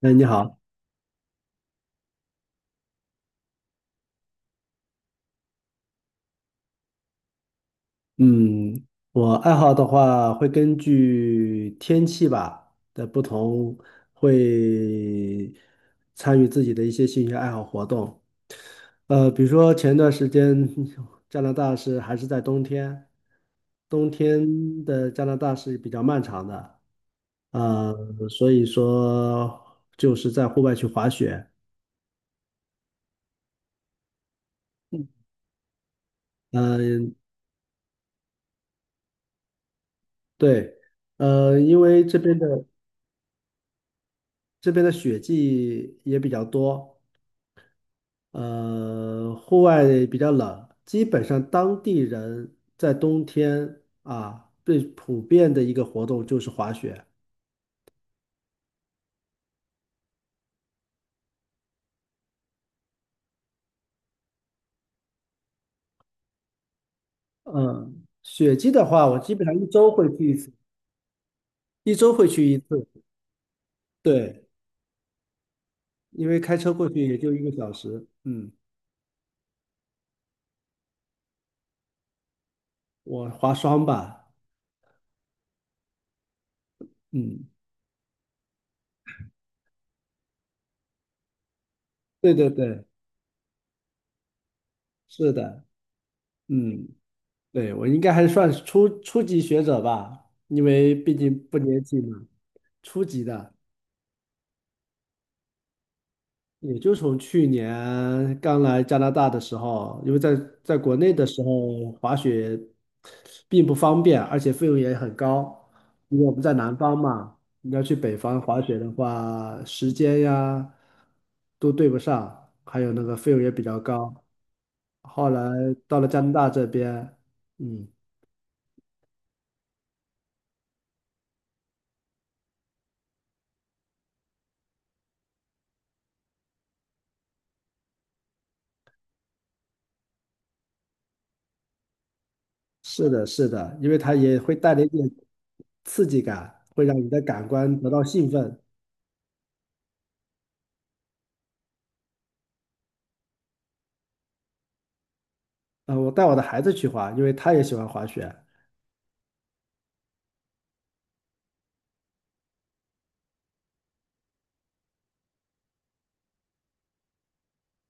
哎，你好。嗯，我爱好的话会根据天气吧的不同，会参与自己的一些兴趣爱好活动。比如说前段时间加拿大是还是在冬天，冬天的加拿大是比较漫长的。呃，所以说就是在户外去滑雪。嗯，对。因为这边的雪季也比较多，户外比较冷，基本上当地人在冬天啊，最普遍的一个活动就是滑雪。嗯，雪季的话，我基本上一周会去一次，一周会去一次。对，因为开车过去也就一个小时。嗯，我滑双吧。嗯，对对对，是的。嗯，对，我应该还算是初级学者吧，因为毕竟不年轻嘛，初级的。也就从去年刚来加拿大的时候，因为在国内的时候滑雪并不方便，而且费用也很高。因为我们在南方嘛，你要去北方滑雪的话，时间呀都对不上，还有那个费用也比较高。后来到了加拿大这边。嗯，是的，是的，因为它也会带来一点刺激感，会让你的感官得到兴奋。我带我的孩子去滑，因为他也喜欢滑雪。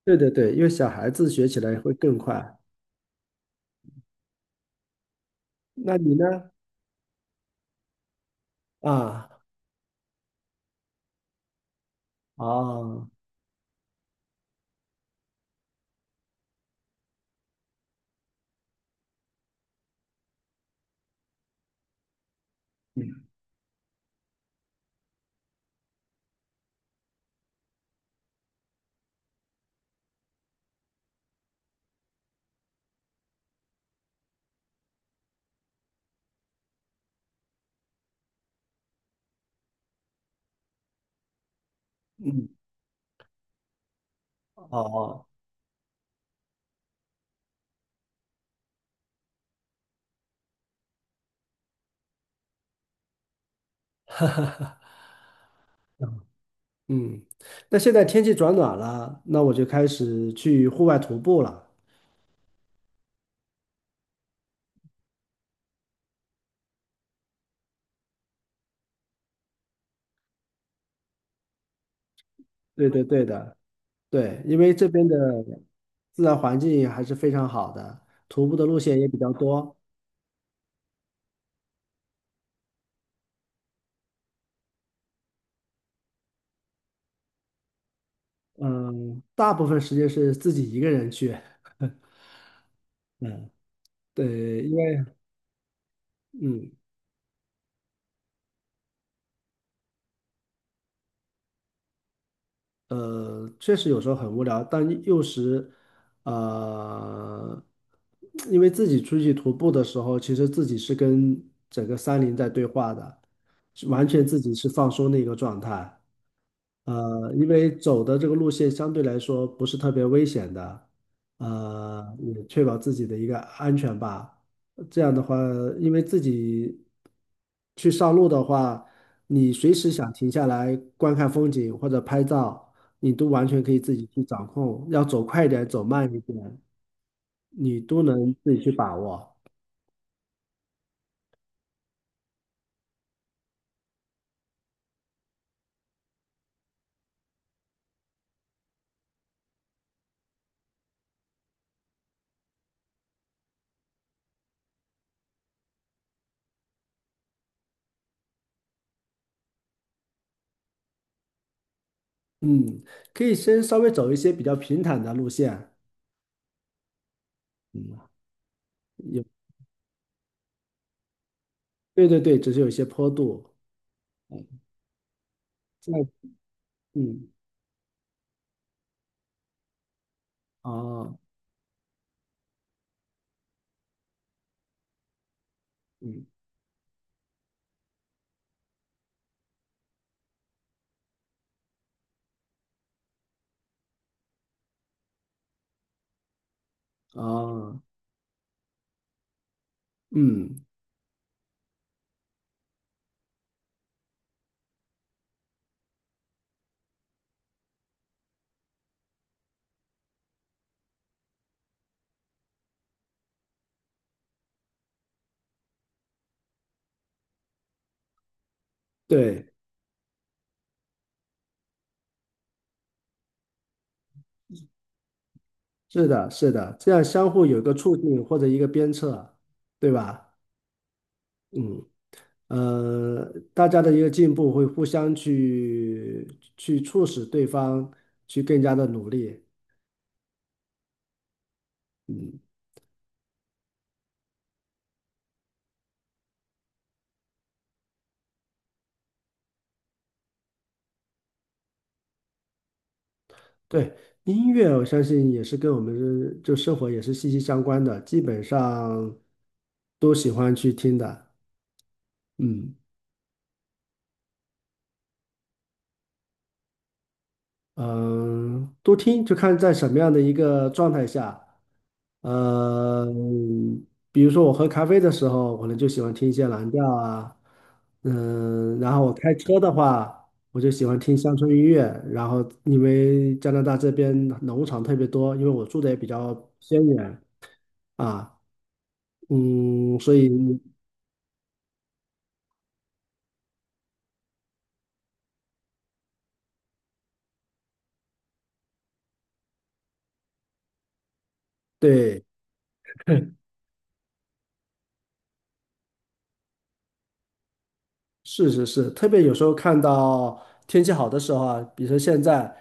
对对对，因为小孩子学起来会更快。那你呢？啊，哦，嗯嗯，哦，嗯，那现在天气转暖了，那我就开始去户外徒步了。对对对的，对，因为这边的自然环境还是非常好的，徒步的路线也比较多。嗯，大部分时间是自己一个人去。嗯，对，因为嗯。确实有时候很无聊，但又时，呃，因为自己出去徒步的时候，其实自己是跟整个山林在对话的，是完全自己是放松的一个状态。因为走的这个路线相对来说不是特别危险的，也确保自己的一个安全吧。这样的话，因为自己去上路的话，你随时想停下来观看风景或者拍照，你都完全可以自己去掌控，要走快一点，走慢一点，你都能自己去把握。嗯，可以先稍微走一些比较平坦的路线。嗯，有，对对对，只是有一些坡度。嗯，这样，嗯。哦，嗯，哦，嗯，对，是的，是的，这样相互有一个促进或者一个鞭策，对吧？嗯，大家的一个进步会互相去促使对方去更加的努力。嗯，对，音乐我相信也是跟我们的就生活也是息息相关的，基本上都喜欢去听的。嗯嗯，呃多听就看在什么样的一个状态下。呃，比如说我喝咖啡的时候，我可能就喜欢听一些蓝调啊。嗯，然后我开车的话，我就喜欢听乡村音乐。然后因为加拿大这边农场特别多，因为我住的也比较偏远啊。嗯，所以对 是是是，特别有时候看到天气好的时候啊，比如说现在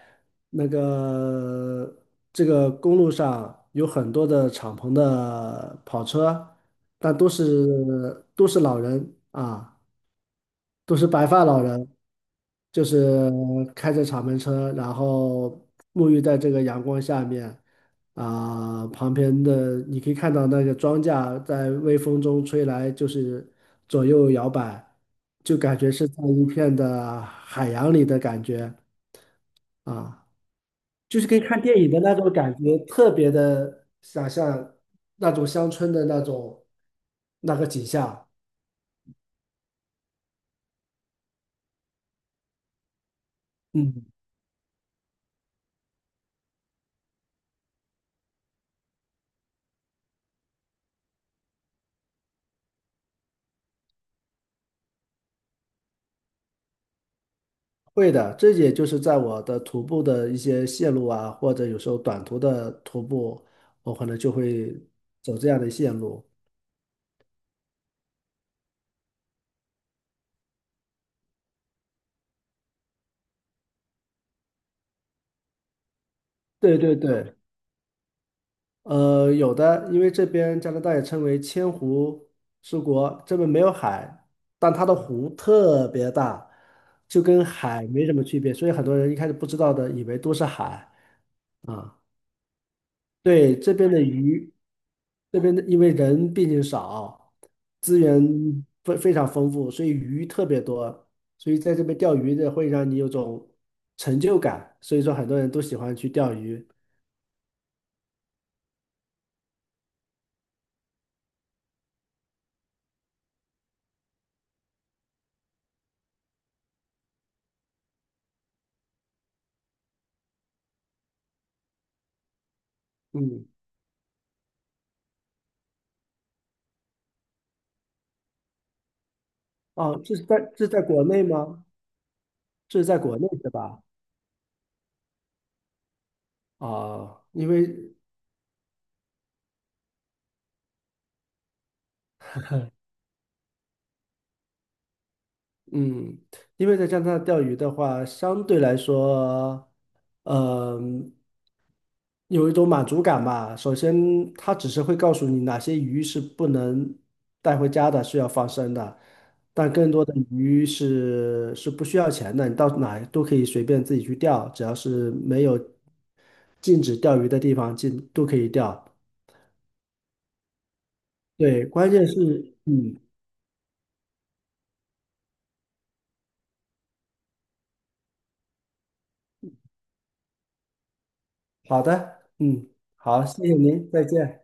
那个这个公路上有很多的敞篷的跑车，但都是老人啊，都是白发老人，就是开着敞篷车，然后沐浴在这个阳光下面，啊、旁边的你可以看到那个庄稼在微风中吹来，就是左右摇摆，就感觉是在一片的海洋里的感觉啊，就是跟看电影的那种感觉，特别的想象那种乡村的那种那个景象。嗯。会的，这也就是在我的徒步的一些线路啊，或者有时候短途的徒步，我可能就会走这样的线路。对对对，有的，因为这边加拿大也称为千湖之国，这边没有海，但它的湖特别大，就跟海没什么区别，所以很多人一开始不知道的，以为都是海啊。对，这边的鱼，这边的因为人毕竟少，资源非常丰富，所以鱼特别多，所以在这边钓鱼的会让你有种成就感，所以说很多人都喜欢去钓鱼。嗯，哦，这是在国内吗？这是在国内是吧？啊、因为嗯，因为在加拿大钓鱼的话，相对来说，嗯、有一种满足感吧。首先，它只是会告诉你哪些鱼是不能带回家的，是要放生的，但更多的鱼是不需要钱的，你到哪都可以随便自己去钓，只要是没有禁止钓鱼的地方，禁都可以钓。对，关键是，嗯，好的，嗯，好，谢谢您，再见。